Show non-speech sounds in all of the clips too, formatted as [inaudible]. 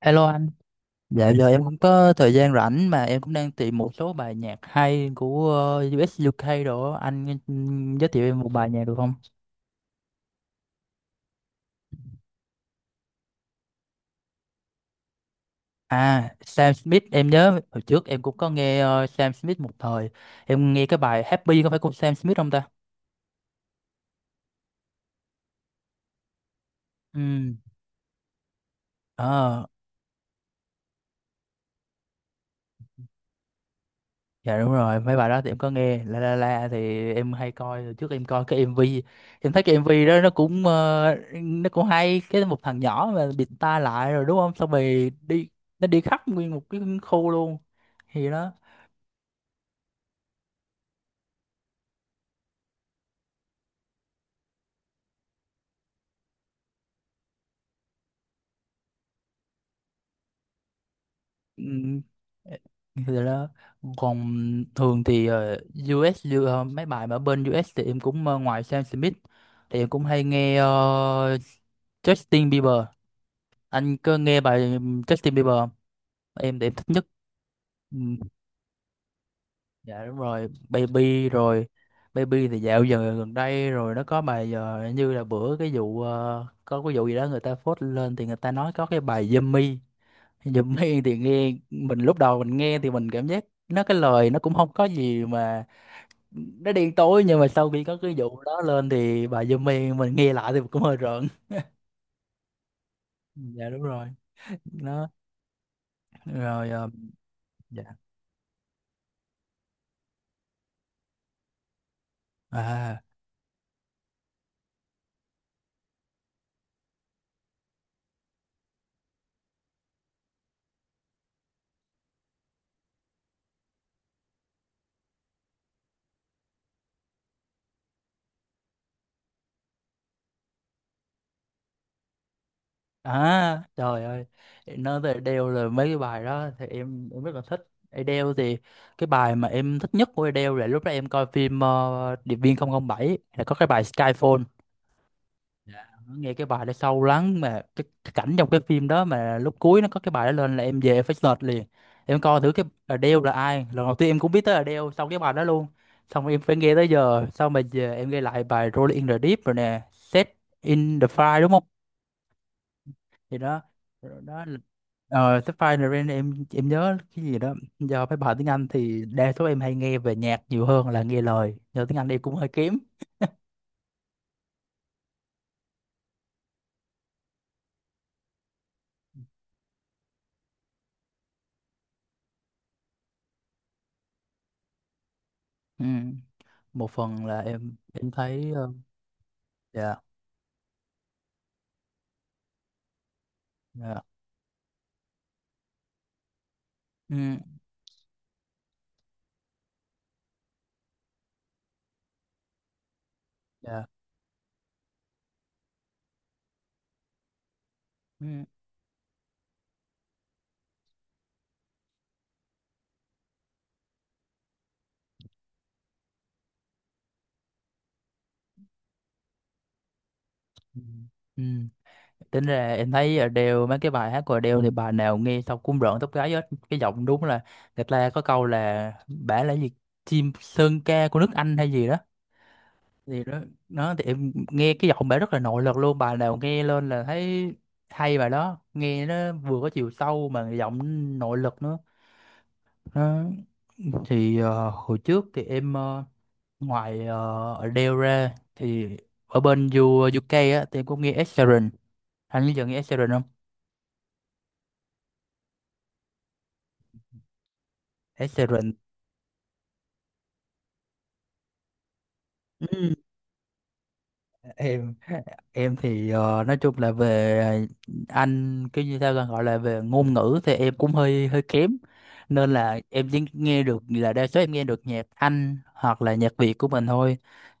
Hello anh, dạ giờ em cũng có thời gian rảnh mà em cũng đang tìm một số bài nhạc hay của US UK đồ á. Anh giới thiệu em một bài nhạc được không? À, Sam Smith em nhớ hồi trước em cũng có nghe Sam Smith một thời, em nghe cái bài Happy có phải của Sam Smith không ta? Ừ, dạ đúng rồi, mấy bài đó thì em có nghe La La La thì em hay coi. Hồi trước em coi cái MV, em thấy cái MV đó nó cũng nó cũng hay, cái một thằng nhỏ mà bịt tai lại rồi đúng không, xong rồi đi, nó đi khắp nguyên một cái khu luôn, thì đó. ừm, thì đó, còn thường thì US như, mấy bài mà ở bên US thì em cũng ngoài Sam Smith thì em cũng hay nghe Justin Bieber. Anh có nghe bài Justin Bieber không? Em thì em thích nhất. Ừ, dạ đúng rồi, baby rồi. Baby thì dạo giờ gần đây rồi nó có bài giờ như là bữa cái vụ có cái vụ gì đó người ta phốt lên thì người ta nói có cái bài Yummy, Yummy [laughs] thì nghe, mình lúc đầu mình nghe thì mình cảm giác nó, cái lời nó cũng không có gì mà nó đen tối, nhưng mà sau khi có cái vụ đó lên thì bài Yummy mình nghe lại thì cũng hơi rợn. Dạ đúng rồi, nó rồi dạ à. À, trời ơi, để nói về Adele là mấy cái bài đó thì em rất là thích. Adele thì cái bài mà em thích nhất của Adele là lúc đó em coi phim Điệp viên 007, là có cái bài Skyfall. Dạ. Nghe cái bài đó sâu lắng mà cái cảnh trong cái phim đó mà lúc cuối nó có cái bài đó lên là em về em phải search liền. Em coi thử cái Adele là ai. Lần đầu tiên em cũng biết tới Adele sau cái bài đó luôn. Xong rồi em phải nghe tới giờ, xong mà về em nghe lại bài Rolling in the Deep rồi nè, Set in the Fire đúng không? Thì đó, đó là- ờ Sắp Fire the Rain, em nhớ cái gì đó, do mấy bài tiếng Anh thì đa số em hay nghe về nhạc nhiều hơn là nghe lời, do tiếng Anh em cũng hơi kém. Ừ. Một phần là em thấy dạ. Dạ, ừ, dạ, ừ, ừ, ừ. Tính ra em thấy Adele, mấy cái bài hát của Adele thì bài nào nghe xong cũng rợn tóc gáy hết, cái giọng đúng là, người ta có câu là bả là gì, chim sơn ca của nước Anh hay gì đó, gì đó. Nó thì em nghe cái giọng bà rất là nội lực luôn, bà nào nghe lên là thấy hay, bà đó nghe nó vừa có chiều sâu mà giọng nội lực nữa. Nó thì hồi trước thì em ngoài Adele ra thì ở bên UK á thì em cũng nghe Ed Sheeran. Anh bây giờ nghe Ed Sheeran không? Ed Sheeran, em em thì nói chung là về anh cái như sao ta gọi là về ngôn ngữ thì em cũng hơi hơi kém, nên là em chỉ nghe được là đa số em nghe được nhạc Anh hoặc là nhạc Việt của mình thôi,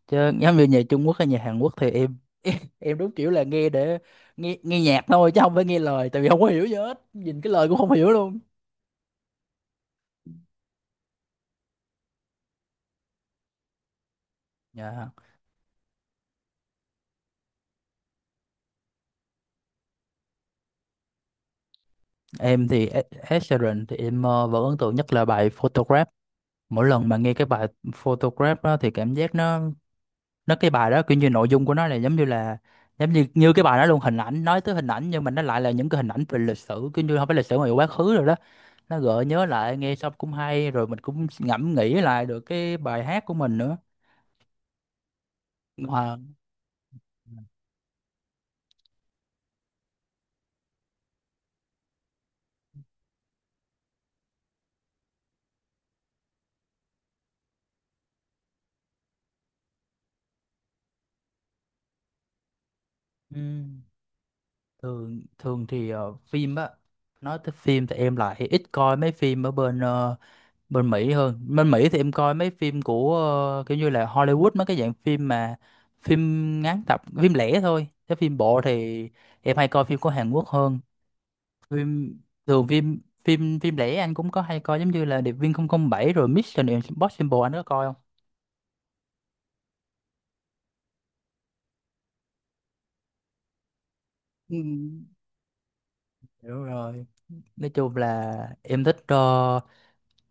chứ giống như nhạc Trung Quốc hay nhạc Hàn Quốc thì em [laughs] em đúng kiểu là nghe để nghe nghe nhạc thôi, chứ không phải nghe lời, tại vì không có hiểu gì hết, nhìn cái lời cũng không hiểu luôn. Dạ. Em thì Ed Ed Sheeran thì em vẫn ấn tượng nhất là bài Photograph. Mỗi lần mà nghe cái bài Photograph đó thì cảm giác nó cái bài đó kiểu như nội dung của nó là giống như là, giống như, cái bài đó luôn hình ảnh, nói tới hình ảnh, nhưng mà nó lại là những cái hình ảnh về lịch sử, kiểu như không phải lịch sử mà quá khứ rồi đó, nó gợi nhớ lại, nghe xong cũng hay rồi mình cũng ngẫm nghĩ lại được cái bài hát của mình nữa. Mà, ừm, thường thường thì phim á, nói tới phim thì em lại ít coi mấy phim ở bên bên Mỹ hơn, bên Mỹ thì em coi mấy phim của kiểu như là Hollywood, mấy cái dạng phim mà phim ngắn tập, phim lẻ thôi, chứ phim bộ thì em hay coi phim của Hàn Quốc hơn. Phim thường, phim phim phim lẻ anh cũng có hay coi, giống như là Điệp viên 007 rồi Mission Impossible, anh có coi không? Ừ, hiểu rồi, nói chung là em thích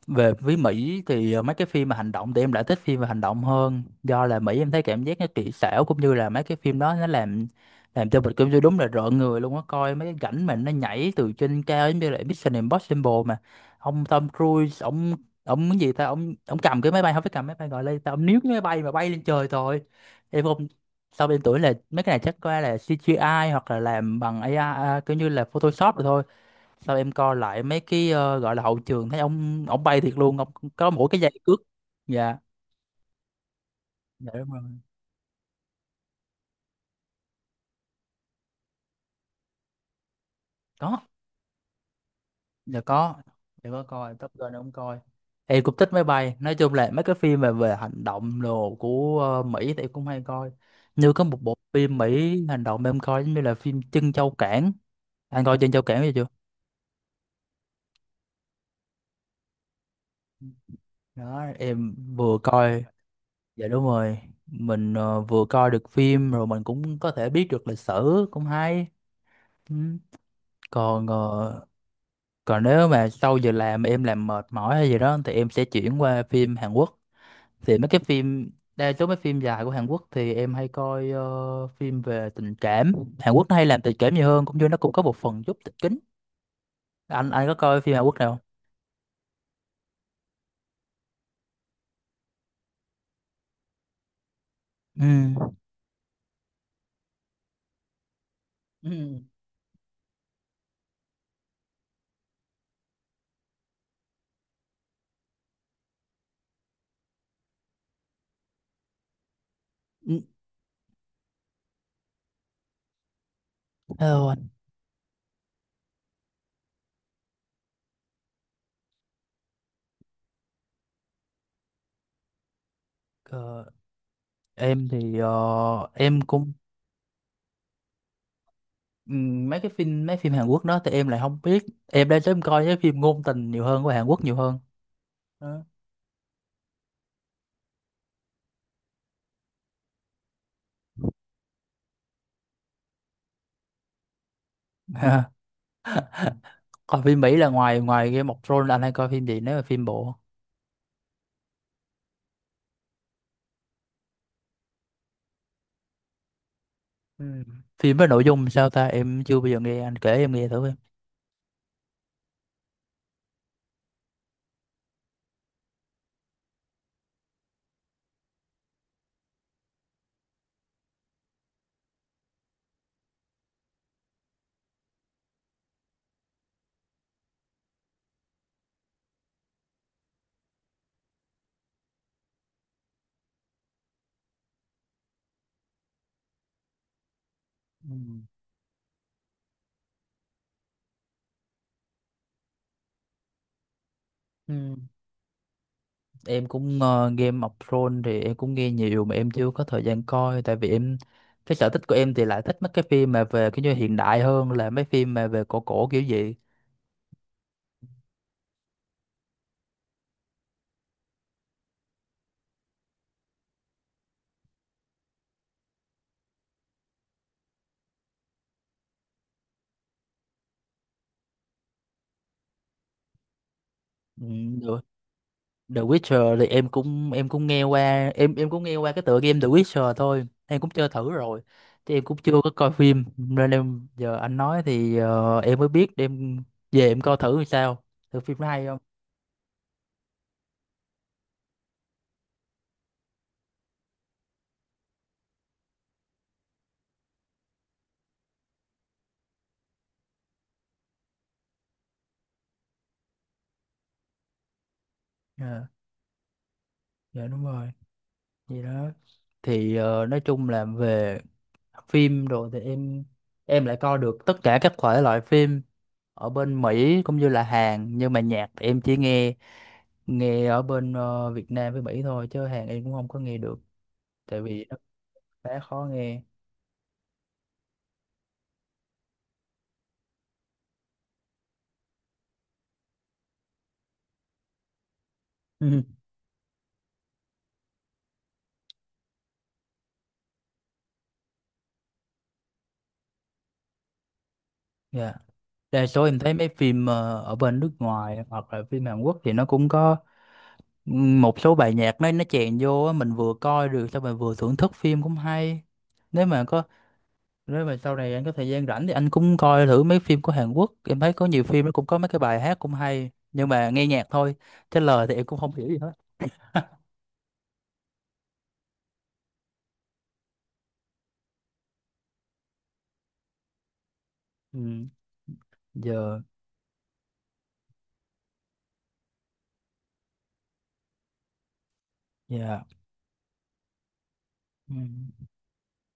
về với Mỹ thì mấy cái phim mà hành động thì em lại thích phim mà hành động hơn, do là Mỹ em thấy cảm giác nó kỹ xảo cũng như là mấy cái phim đó nó làm cho mình cũng như đúng là rợn người luôn á, coi mấy cái cảnh mà nó nhảy từ trên cao giống như là Mission Impossible mà ông Tom Cruise, ông cái gì ta, ông cầm cái máy bay, không phải cầm máy bay, gọi lên ta, ông níu cái máy bay mà bay lên trời thôi. Em không, sau em tưởng là mấy cái này chắc có lẽ là CGI hoặc là làm bằng AI à, kiểu như là Photoshop rồi thôi, sao em coi lại mấy cái gọi là hậu trường thấy ông bay thiệt luôn, ông có mỗi cái dây cước. Dạ, dạ đúng rồi, có, dạ có, dạ có coi Top Gun, ông coi em cũng thích máy bay. Nói chung là mấy cái phim về về hành động đồ của Mỹ thì em cũng hay coi, như có một bộ phim Mỹ hành động em coi giống như là phim Trân Châu Cảng, anh coi Trân Châu Cảng chưa? Đó em vừa coi. Dạ đúng rồi, mình vừa coi được phim rồi mình cũng có thể biết được lịch sử, cũng hay. Ừ. Còn còn nếu mà sau giờ làm mà em làm mệt mỏi hay gì đó thì em sẽ chuyển qua phim Hàn Quốc. Thì mấy cái phim, đa số mấy phim dài của Hàn Quốc thì em hay coi phim về tình cảm. Hàn Quốc nó hay làm tình cảm nhiều hơn, cũng như nó cũng có một phần giúp kịch tính. Anh có coi phim Hàn Quốc nào không? Ừ. Ừ. Ừ, hello anh. Ờ, em thì em cũng, mấy cái phim, mấy phim Hàn Quốc đó thì em lại không biết, em đang sớm coi cái phim ngôn tình nhiều hơn của Hàn Quốc nhiều hơn. Đó. [laughs] Còn phim Mỹ là ngoài ngoài Game of Thrones là anh hay coi phim gì nếu mà phim bộ? Ừ. Phim với nội dung sao ta? Em chưa bao giờ nghe anh kể, em nghe thử em. Ừ. Ừ. Em cũng Game of Thrones thì em cũng nghe nhiều mà em chưa có thời gian coi, tại vì em, cái sở thích của em thì lại thích mấy cái phim mà về cái như hiện đại hơn là mấy phim mà về cổ cổ kiểu gì. Ừ. Được. The Witcher thì em cũng, nghe qua, em cũng nghe qua cái tựa game The Witcher thôi, em cũng chơi thử rồi, chứ em cũng chưa có coi phim nên em giờ anh nói thì em mới biết, em về em coi thử thì sao, thử phim nó hay không. Ờ, dạ đúng rồi, gì đó. Thì nói chung là về phim rồi thì em lại coi được tất cả các thể loại phim ở bên Mỹ cũng như là Hàn, nhưng mà nhạc thì em chỉ nghe, nghe ở bên Việt Nam với Mỹ thôi, chứ Hàn em cũng không có nghe được, tại vì khá khó nghe. [laughs] Ừ. Dạ, đa số em thấy mấy phim ở bên nước ngoài hoặc là phim Hàn Quốc thì nó cũng có một số bài nhạc nó chèn vô á, mình vừa coi được xong rồi vừa thưởng thức phim cũng hay. Nếu mà có, nếu mà sau này anh có thời gian rảnh thì anh cũng coi thử mấy phim của Hàn Quốc, em thấy có nhiều phim nó cũng có mấy cái bài hát cũng hay, nhưng mà nghe nhạc thôi chứ lời thì em cũng không hiểu gì hết. Ừ. Giờ, dạ, ừ.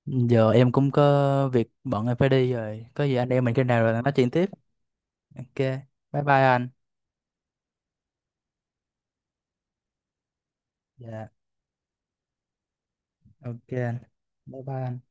Giờ em cũng có việc bận em phải đi rồi, có gì anh em mình khi nào rồi nói chuyện tiếp. Ok. Bye bye anh. Dạ. Ok anh. Bye bye anh.